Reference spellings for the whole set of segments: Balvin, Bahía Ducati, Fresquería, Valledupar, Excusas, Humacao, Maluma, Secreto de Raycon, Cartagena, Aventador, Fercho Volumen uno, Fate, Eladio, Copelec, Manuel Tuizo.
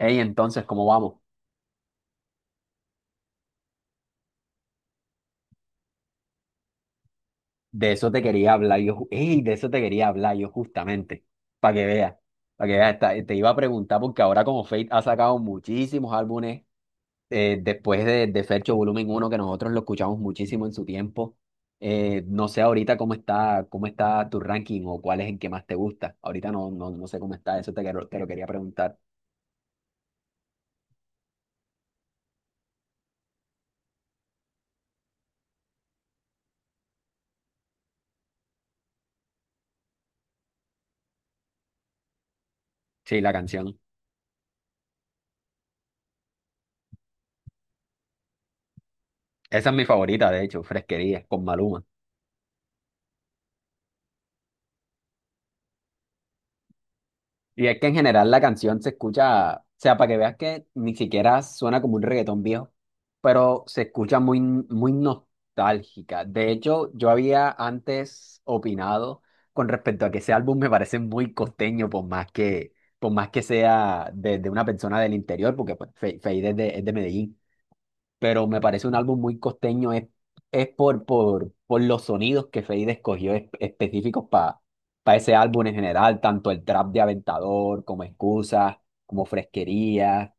Ey, entonces, ¿cómo vamos? De eso te quería hablar yo. Ey, de eso te quería hablar yo justamente. Para que veas. Para que veas. Te iba a preguntar porque ahora como Fate ha sacado muchísimos álbumes después de Fercho Volumen uno, que nosotros lo escuchamos muchísimo en su tiempo. No sé ahorita cómo está, tu ranking, o cuál es el que más te gusta. Ahorita no sé cómo está. Eso te lo quería preguntar. Sí, la canción. Esa es mi favorita, de hecho, Fresquería, con Maluma. Y es que en general la canción se escucha, o sea, para que veas que ni siquiera suena como un reggaetón viejo, pero se escucha muy, muy nostálgica. De hecho, yo había antes opinado con respecto a que ese álbum me parece muy costeño, por más que sea de, una persona del interior, porque pues, Feid es de Medellín, pero me parece un álbum muy costeño. Es, por los sonidos que Feid escogió específicos para ese álbum en general, tanto el trap de Aventador como Excusas, como Fresquería,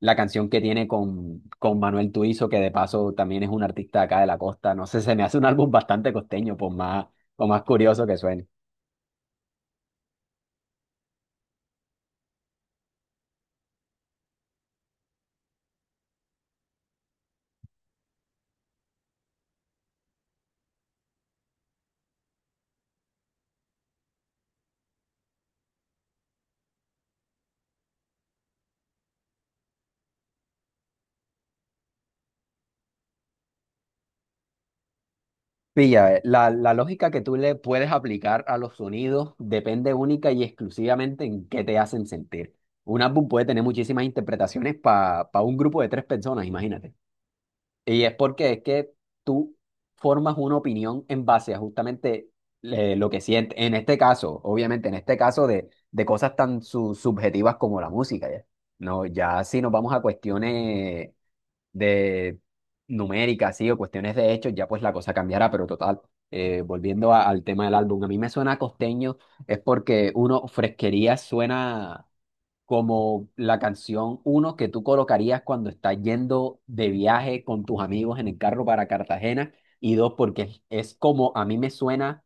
la canción que tiene con Manuel Tuizo, que de paso también es un artista acá de la costa, no sé, se me hace un álbum bastante costeño, por más curioso que suene. Pilla, la lógica que tú le puedes aplicar a los sonidos depende única y exclusivamente en qué te hacen sentir. Un álbum puede tener muchísimas interpretaciones para un grupo de tres personas, imagínate. Y es porque es que tú formas una opinión en base a justamente lo que sientes. En este caso, obviamente, en este caso de cosas tan subjetivas como la música, ¿ya? No, ya si nos vamos a cuestiones de numéricas, sí, o cuestiones de hechos, ya pues la cosa cambiará, pero total, volviendo al tema del álbum, a mí me suena costeño. Es porque uno, Fresquería suena como la canción uno que tú colocarías cuando estás yendo de viaje con tus amigos en el carro para Cartagena; y dos, porque es, como a mí me suena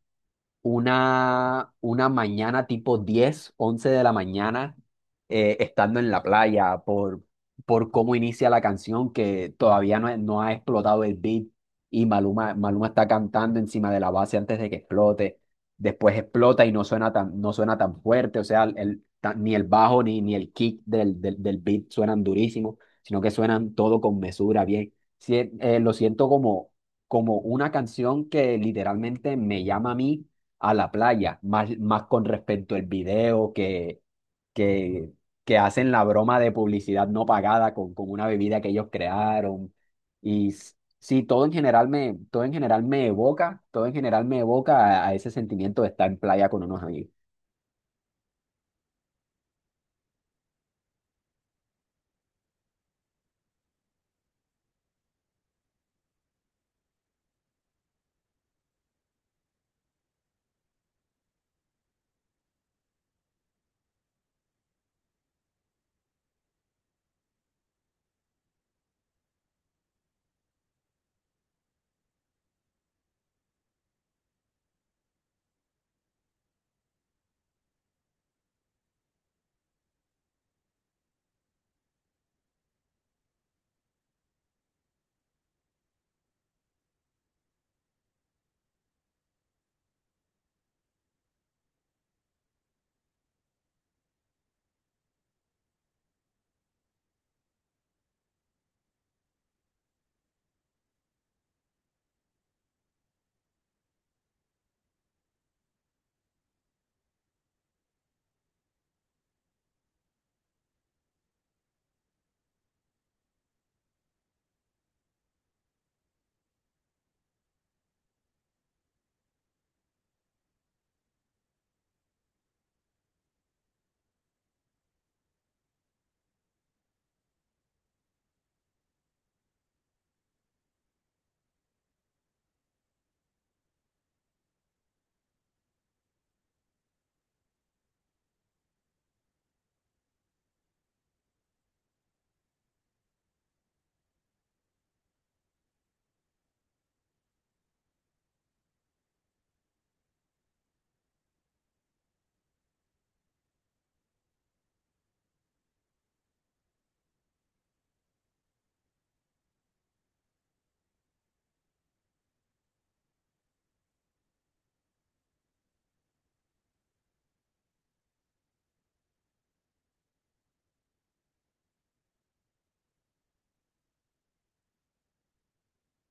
una mañana tipo 10 11 de la mañana, estando en la playa por, cómo inicia la canción, que todavía no ha explotado el beat, y Maluma está cantando encima de la base antes de que explote. Después explota y no suena tan, fuerte. O sea, ni el bajo ni, el kick del beat suenan durísimo, sino que suenan todo con mesura, bien. Sí, lo siento como una canción que literalmente me llama a mí a la playa, más con respecto al video que, que, que, hacen la broma de publicidad no pagada con una bebida que ellos crearon. Y sí, todo en general me evoca a ese sentimiento de estar en playa con unos amigos.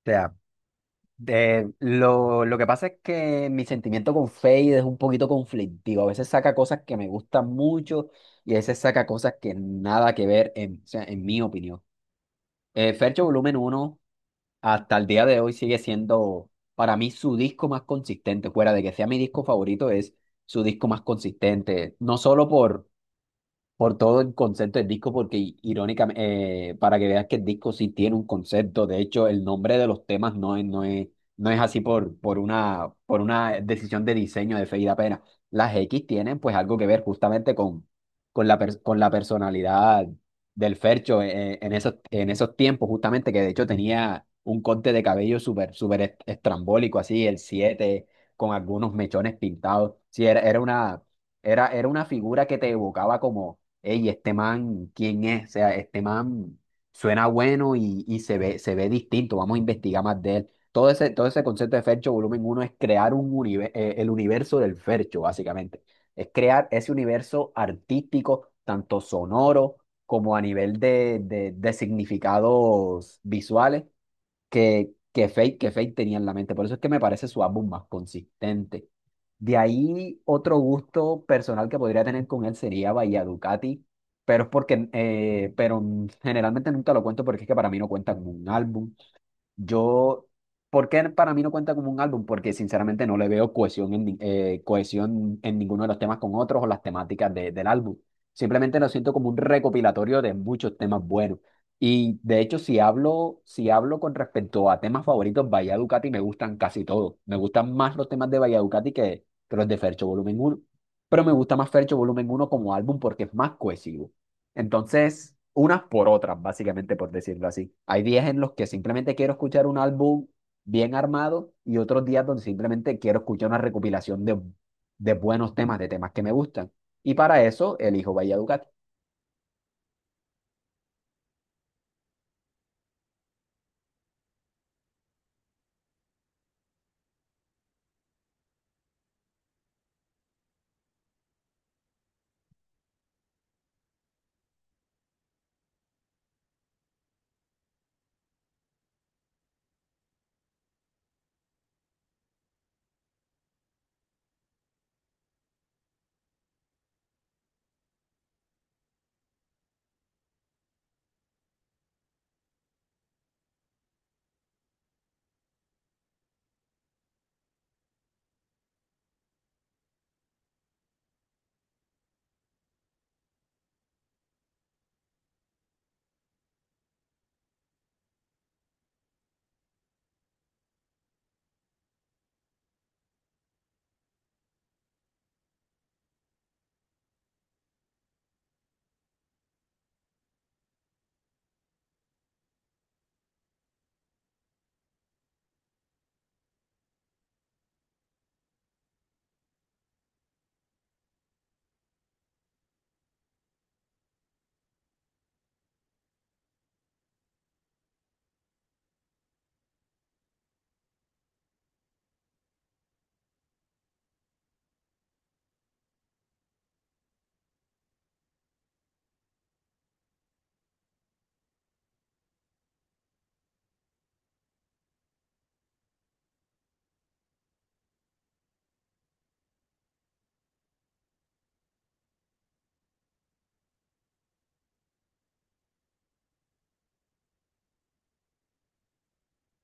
O sea, lo que pasa es que mi sentimiento con Fade es un poquito conflictivo. A veces saca cosas que me gustan mucho y a veces saca cosas que nada que ver o sea, en mi opinión. Fercho Volumen uno hasta el día de hoy sigue siendo para mí su disco más consistente; fuera de que sea mi disco favorito, es su disco más consistente, no solo por todo el concepto del disco, porque irónicamente, para que veas que el disco sí tiene un concepto. De hecho, el nombre de los temas no es así por una decisión de diseño de Feid apenas. Las X tienen pues algo que ver justamente con la personalidad del Fercho en esos tiempos, justamente, que de hecho tenía un corte de cabello súper, súper estrambólico, así, el siete, con algunos mechones pintados. Sí, Era una figura que te evocaba: «Ey, este man, ¿quién es? O sea, este man suena bueno, y, se ve distinto. Vamos a investigar más de él». Todo ese concepto de Fercho Volumen uno es crear el universo del Fercho, básicamente. Es crear ese universo artístico, tanto sonoro como a nivel de, significados visuales, que Fate tenía en la mente. Por eso es que me parece su álbum más consistente. De ahí, otro gusto personal que podría tener con él sería Bahía Ducati, pero generalmente nunca lo cuento porque es que para mí no cuenta como un álbum. Yo, ¿por qué para mí no cuenta como un álbum? Porque sinceramente no le veo cohesión en, ni- cohesión en ninguno de los temas con otros, o las temáticas del álbum. Simplemente lo siento como un recopilatorio de muchos temas buenos. Y de hecho, si hablo, con respecto a temas favoritos, Bahía Ducati, me gustan casi todos. Me gustan más los temas de Bahía Ducati que los de Fercho Volumen Uno, pero me gusta más Fercho Volumen Uno como álbum porque es más cohesivo. Entonces, unas por otras, básicamente, por decirlo así. Hay días en los que simplemente quiero escuchar un álbum bien armado, y otros días donde simplemente quiero escuchar una recopilación de, buenos temas, de temas que me gustan. Y para eso elijo Valledupar.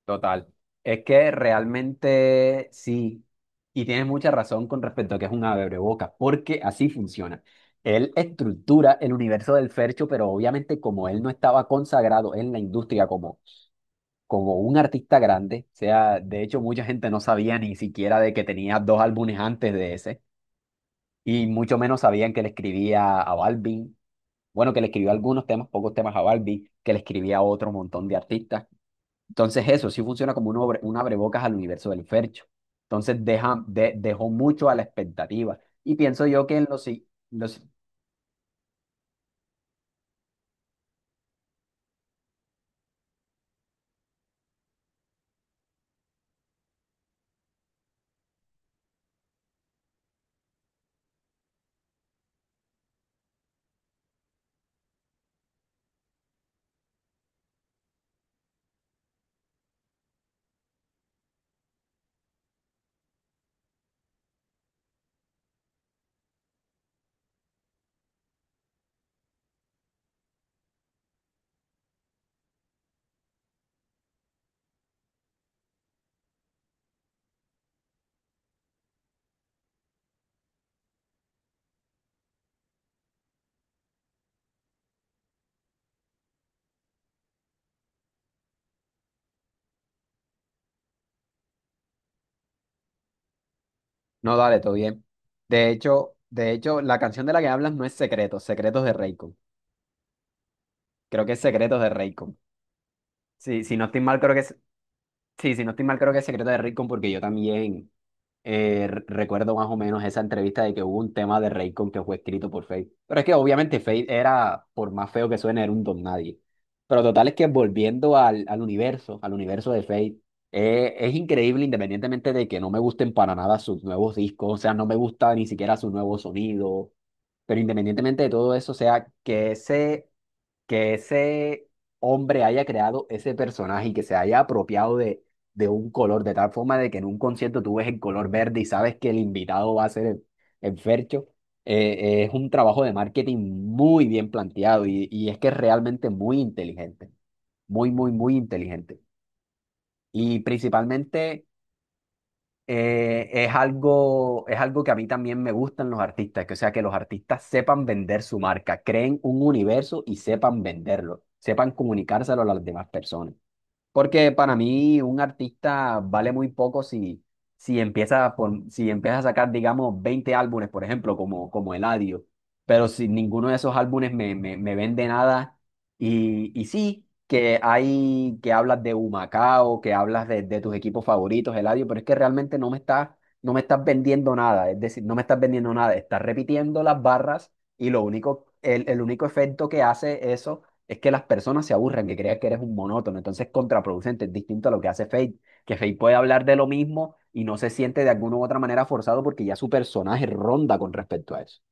Total. Es que realmente sí, y tienes mucha razón con respecto a que es un abreboca, porque así funciona. Él estructura el universo del Fercho, pero obviamente, como él no estaba consagrado en la industria como un artista grande, o sea, de hecho mucha gente no sabía ni siquiera de que tenía dos álbumes antes de ese, y mucho menos sabían que le escribía a Balvin, bueno, que le escribió algunos temas, pocos temas, a Balvin, que le escribía a otro montón de artistas. Entonces eso sí funciona como un abrebocas al universo del Fercho. Entonces dejó mucho a la expectativa. Y pienso yo que en los, los. No, dale, todo bien. De hecho, la canción de la que hablas no es Secretos de Raycon. Creo que es Secretos de Raycon. Sí, si no estoy mal, Sí, si no estoy mal, creo que es Secreto de Raycon, porque yo también recuerdo más o menos esa entrevista de que hubo un tema de Raycon que fue escrito por Fate. Pero es que obviamente Fate era, por más feo que suene, era un don nadie. Pero total es que volviendo al universo de Fate, es increíble independientemente de que no me gusten para nada sus nuevos discos, o sea, no me gusta ni siquiera su nuevo sonido. Pero independientemente de todo eso, o sea, que ese que ese hombre haya creado ese personaje y que se haya apropiado de, un color, de tal forma de que en un concierto tú ves el color verde y sabes que el invitado va a ser el, Fercho. Es un trabajo de marketing muy bien planteado, y es que es realmente muy inteligente, muy, muy, muy inteligente. Y principalmente es algo que a mí también me gustan los artistas, que, o sea, que los artistas sepan vender su marca, creen un universo y sepan venderlo, sepan comunicárselo a las demás personas. Porque para mí un artista vale muy poco si empieza a sacar, digamos, 20 álbumes, por ejemplo, como, Eladio. Pero si ninguno de esos álbumes me vende nada. Y sí, que hablas de Humacao, que hablas de, tus equipos favoritos, Eladio, pero es que realmente no me estás vendiendo nada. Es decir, no me estás vendiendo nada. Estás repitiendo las barras, y el único efecto que hace eso es que las personas se aburren, que crean que eres un monótono, entonces es contraproducente. Es distinto a lo que hace Fate, que Fate puede hablar de lo mismo y no se siente de alguna u otra manera forzado, porque ya su personaje ronda con respecto a eso.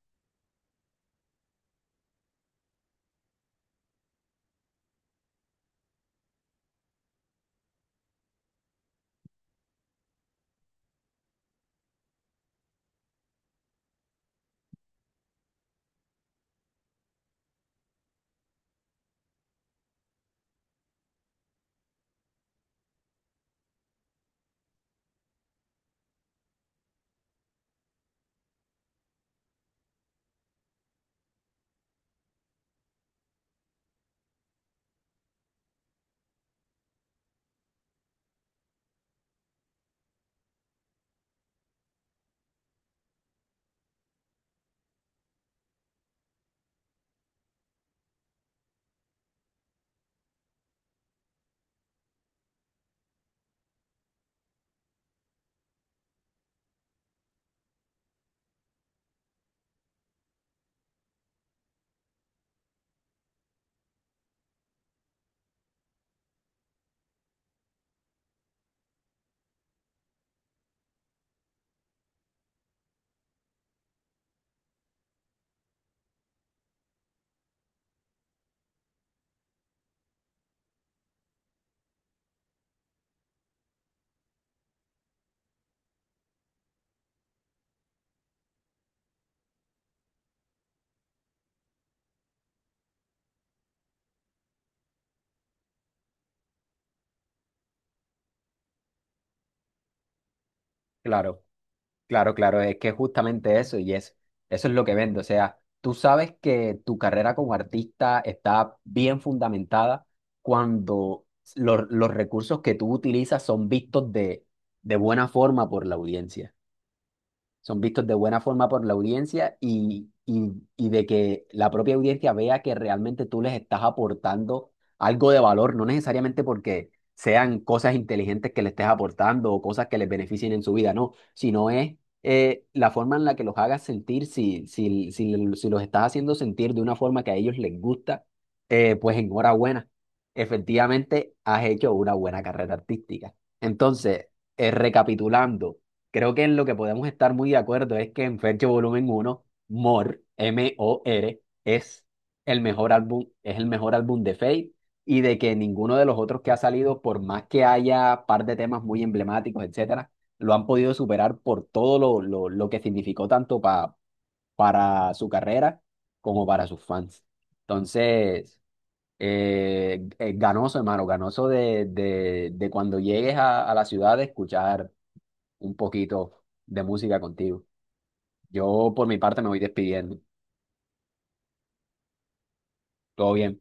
Claro. Claro, claro, es que justamente eso, y eso es lo que vende. O sea, tú sabes que tu carrera como artista está bien fundamentada cuando los, recursos que tú utilizas son vistos de buena forma por la audiencia. Son vistos de buena forma por la audiencia, y de que la propia audiencia vea que realmente tú les estás aportando algo de valor, no necesariamente porque sean cosas inteligentes que le estés aportando o cosas que les beneficien en su vida, no, sino es la forma en la que los hagas sentir; si, los estás haciendo sentir de una forma que a ellos les gusta, pues enhorabuena. Efectivamente, has hecho una buena carrera artística. Entonces, recapitulando. Creo que en lo que podemos estar muy de acuerdo es que en Fercho Volumen uno, More, MOR, es el mejor álbum, de Fate, y de que ninguno de los otros que ha salido, por más que haya par de temas muy emblemáticos, etcétera, lo han podido superar, por todo lo, que significó tanto para su carrera como para sus fans. Entonces, ganoso, hermano, ganoso de, cuando llegues a la ciudad, de escuchar un poquito de música contigo. Yo por mi parte me voy despidiendo. Todo bien.